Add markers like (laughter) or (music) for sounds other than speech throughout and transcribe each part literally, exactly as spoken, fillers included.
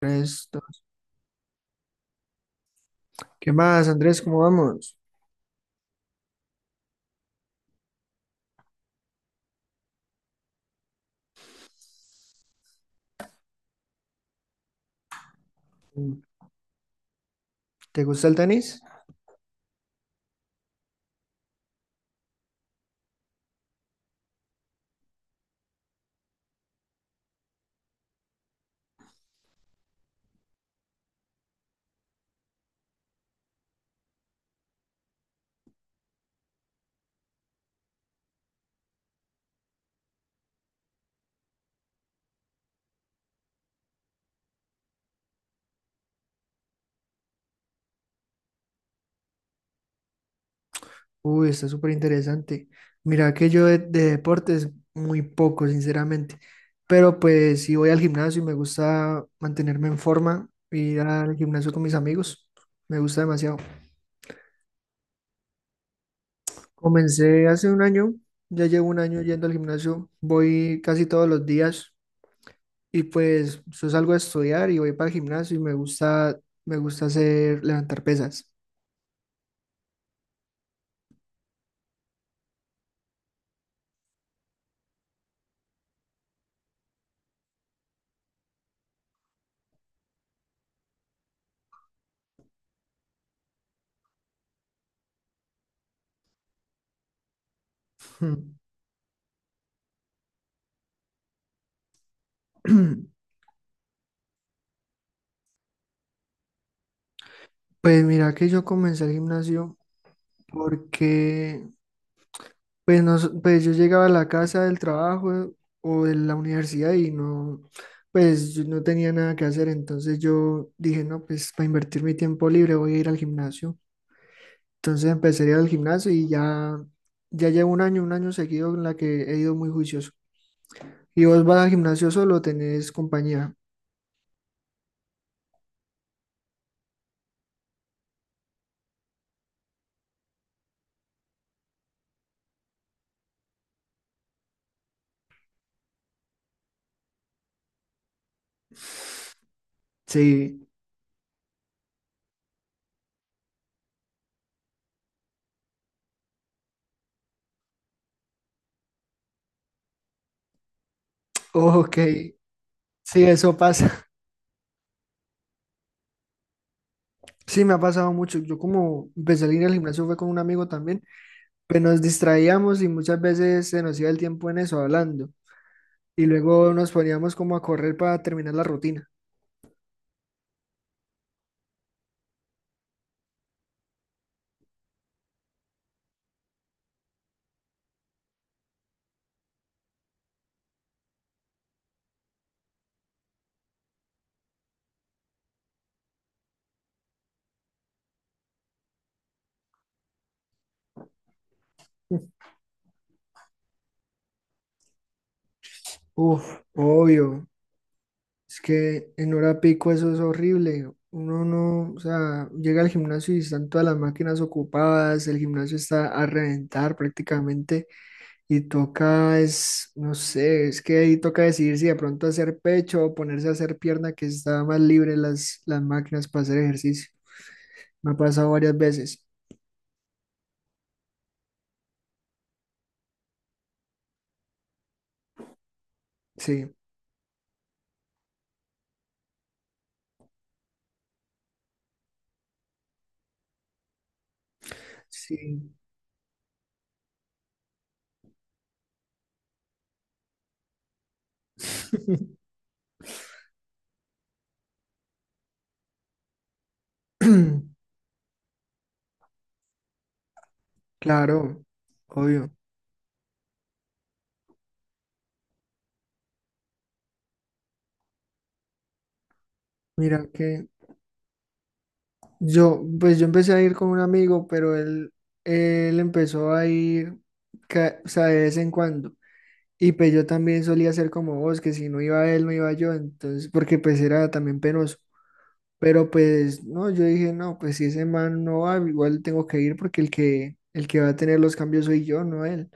Resto. ¿Qué más, Andrés? ¿Cómo vamos? Mm, ¿te gusta el tenis? Uy, está súper interesante. Mira que yo de, de deportes muy poco, sinceramente. Pero pues si voy al gimnasio y me gusta mantenerme en forma, ir al gimnasio con mis amigos, me gusta demasiado. Comencé hace un año, ya llevo un año yendo al gimnasio, voy casi todos los días y pues yo salgo a estudiar y voy para el gimnasio y me gusta, me gusta hacer levantar pesas. (clears throat) Pues mira que yo comencé el gimnasio porque pues, no, so- pues yo llegaba a la casa del trabajo o de la universidad y no, pues yo no tenía nada que hacer. Entonces yo dije, no, pues para invertir mi tiempo libre voy a ir al gimnasio. Entonces empecé a ir al gimnasio y ya, ya llevo un año, un año seguido en la que he ido muy juicioso. ¿Y vos vas al gimnasio solo o tenés compañía? Sí. (laughs) Ok, sí, eso pasa. Sí, me ha pasado mucho. Yo como empecé a ir al gimnasio fue con un amigo también. Pues nos distraíamos y muchas veces se nos iba el tiempo en eso, hablando. Y luego nos poníamos como a correr para terminar la rutina. Uf, obvio. Es que en hora pico eso es horrible. Uno no, o sea, llega al gimnasio y están todas las máquinas ocupadas, el gimnasio está a reventar prácticamente y toca, es, no sé, es que ahí toca decidir si de pronto hacer pecho o ponerse a hacer pierna, que está más libre las, las máquinas para hacer ejercicio. Me ha pasado varias veces. Sí, sí. (clears throat) (laughs) Claro, obvio. Mira que yo, pues yo empecé a ir con un amigo, pero él, él empezó a ir, ca- o sea, de vez en cuando. Y pues yo también solía ser como vos, que si no iba él, no iba yo, entonces, porque pues era también penoso. Pero pues, no, yo dije, no, pues si ese man no va, igual tengo que ir porque el que, el que va a tener los cambios soy yo, no él.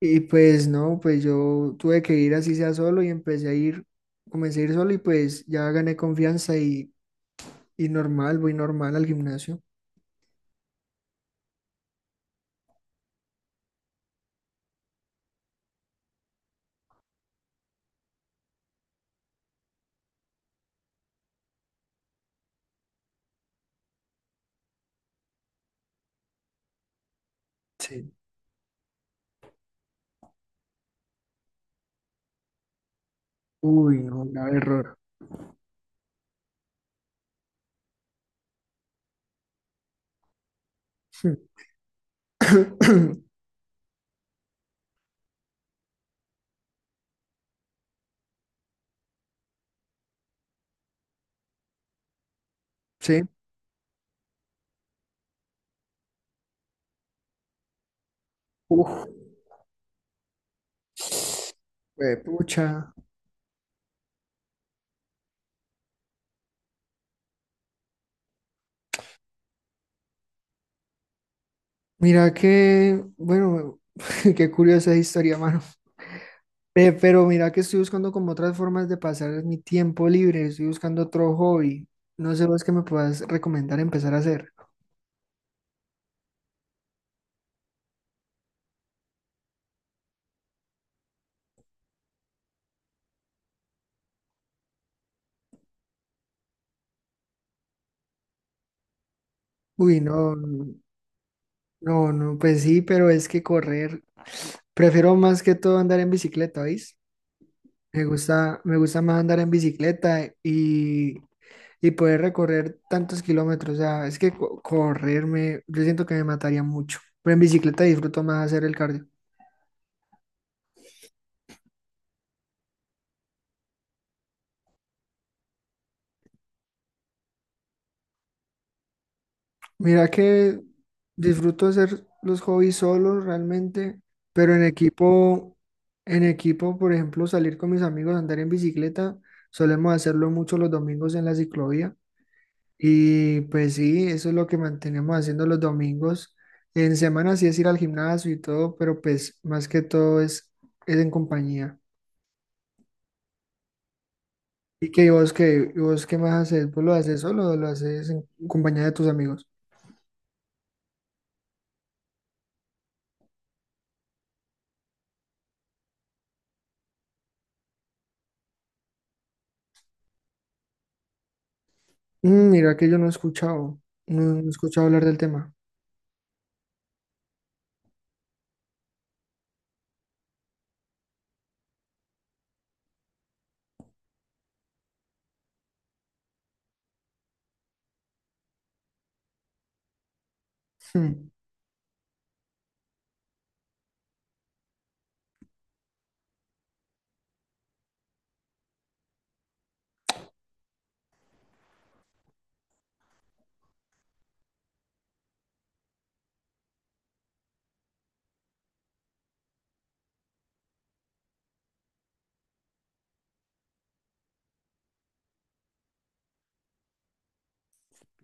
Y pues no, pues yo tuve que ir así sea solo y empecé a ir, comencé a ir solo y pues ya gané confianza y, y normal, voy normal al gimnasio. Sí. Uy, no, grave error. (coughs) (clears throat) Sí. Uf, eh, pucha. Mira que, bueno, (laughs) qué curiosa historia, mano. Ve, pero mira que estoy buscando como otras formas de pasar mi tiempo libre, estoy buscando otro hobby. No sé vos qué me puedas recomendar empezar a hacer. Uy, no. No, no, no, pues sí, pero es que correr. Prefiero más que todo andar en bicicleta, ¿veis? Me gusta, me gusta más andar en bicicleta y, y poder recorrer tantos kilómetros. O sea, es que co- correr me, yo siento que me mataría mucho. Pero en bicicleta disfruto más hacer el cardio. Mira que disfruto hacer los hobbies solos realmente, pero en equipo, en equipo, por ejemplo, salir con mis amigos andar en bicicleta, solemos hacerlo mucho los domingos en la ciclovía. Y pues sí, eso es lo que mantenemos haciendo los domingos. En semana sí es ir al gimnasio y todo, pero pues más que todo es, es en compañía. ¿Y qué ¿Y vos qué? ¿Y vos qué más haces? ¿Vos lo haces solo o lo haces en compañía de tus amigos? Mm, mira que yo no he escuchado, no, no he escuchado hablar del tema. Hmm,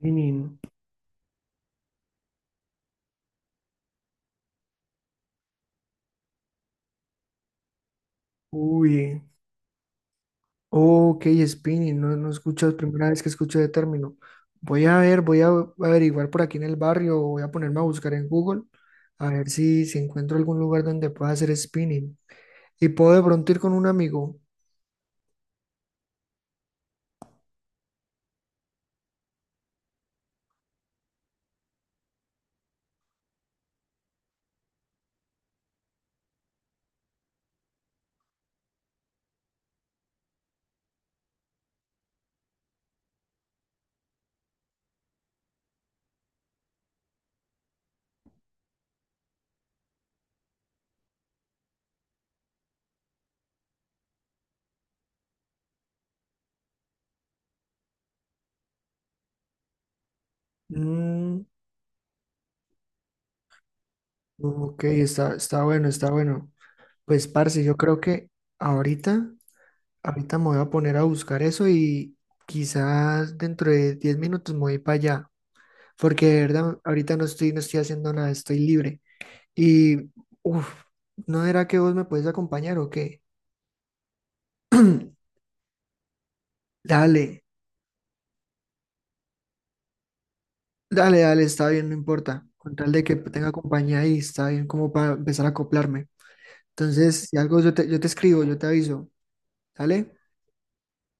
menino. Uy, ok, spinning, no, no escucho, es primera vez que escucho de término. Voy a ver, voy a averiguar por aquí en el barrio, voy a ponerme a buscar en Google, a ver si, si encuentro algún lugar donde pueda hacer spinning. Y puedo de pronto ir con un amigo. Mm, ok, está, está bueno, está bueno. Pues, parce, yo creo que ahorita, ahorita me voy a poner a buscar eso y quizás dentro de diez minutos me voy para allá, porque de verdad ahorita no estoy, no estoy haciendo nada, estoy libre. Y, uff, ¿no era que vos me podés acompañar o qué? (clears throat) Dale, dale, dale, está bien, no importa. Con tal de que tenga compañía ahí, está bien como para empezar a acoplarme. Entonces, si algo yo te, yo te escribo, yo te aviso. ¿Sale?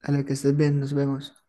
Dale, que estés bien, nos vemos.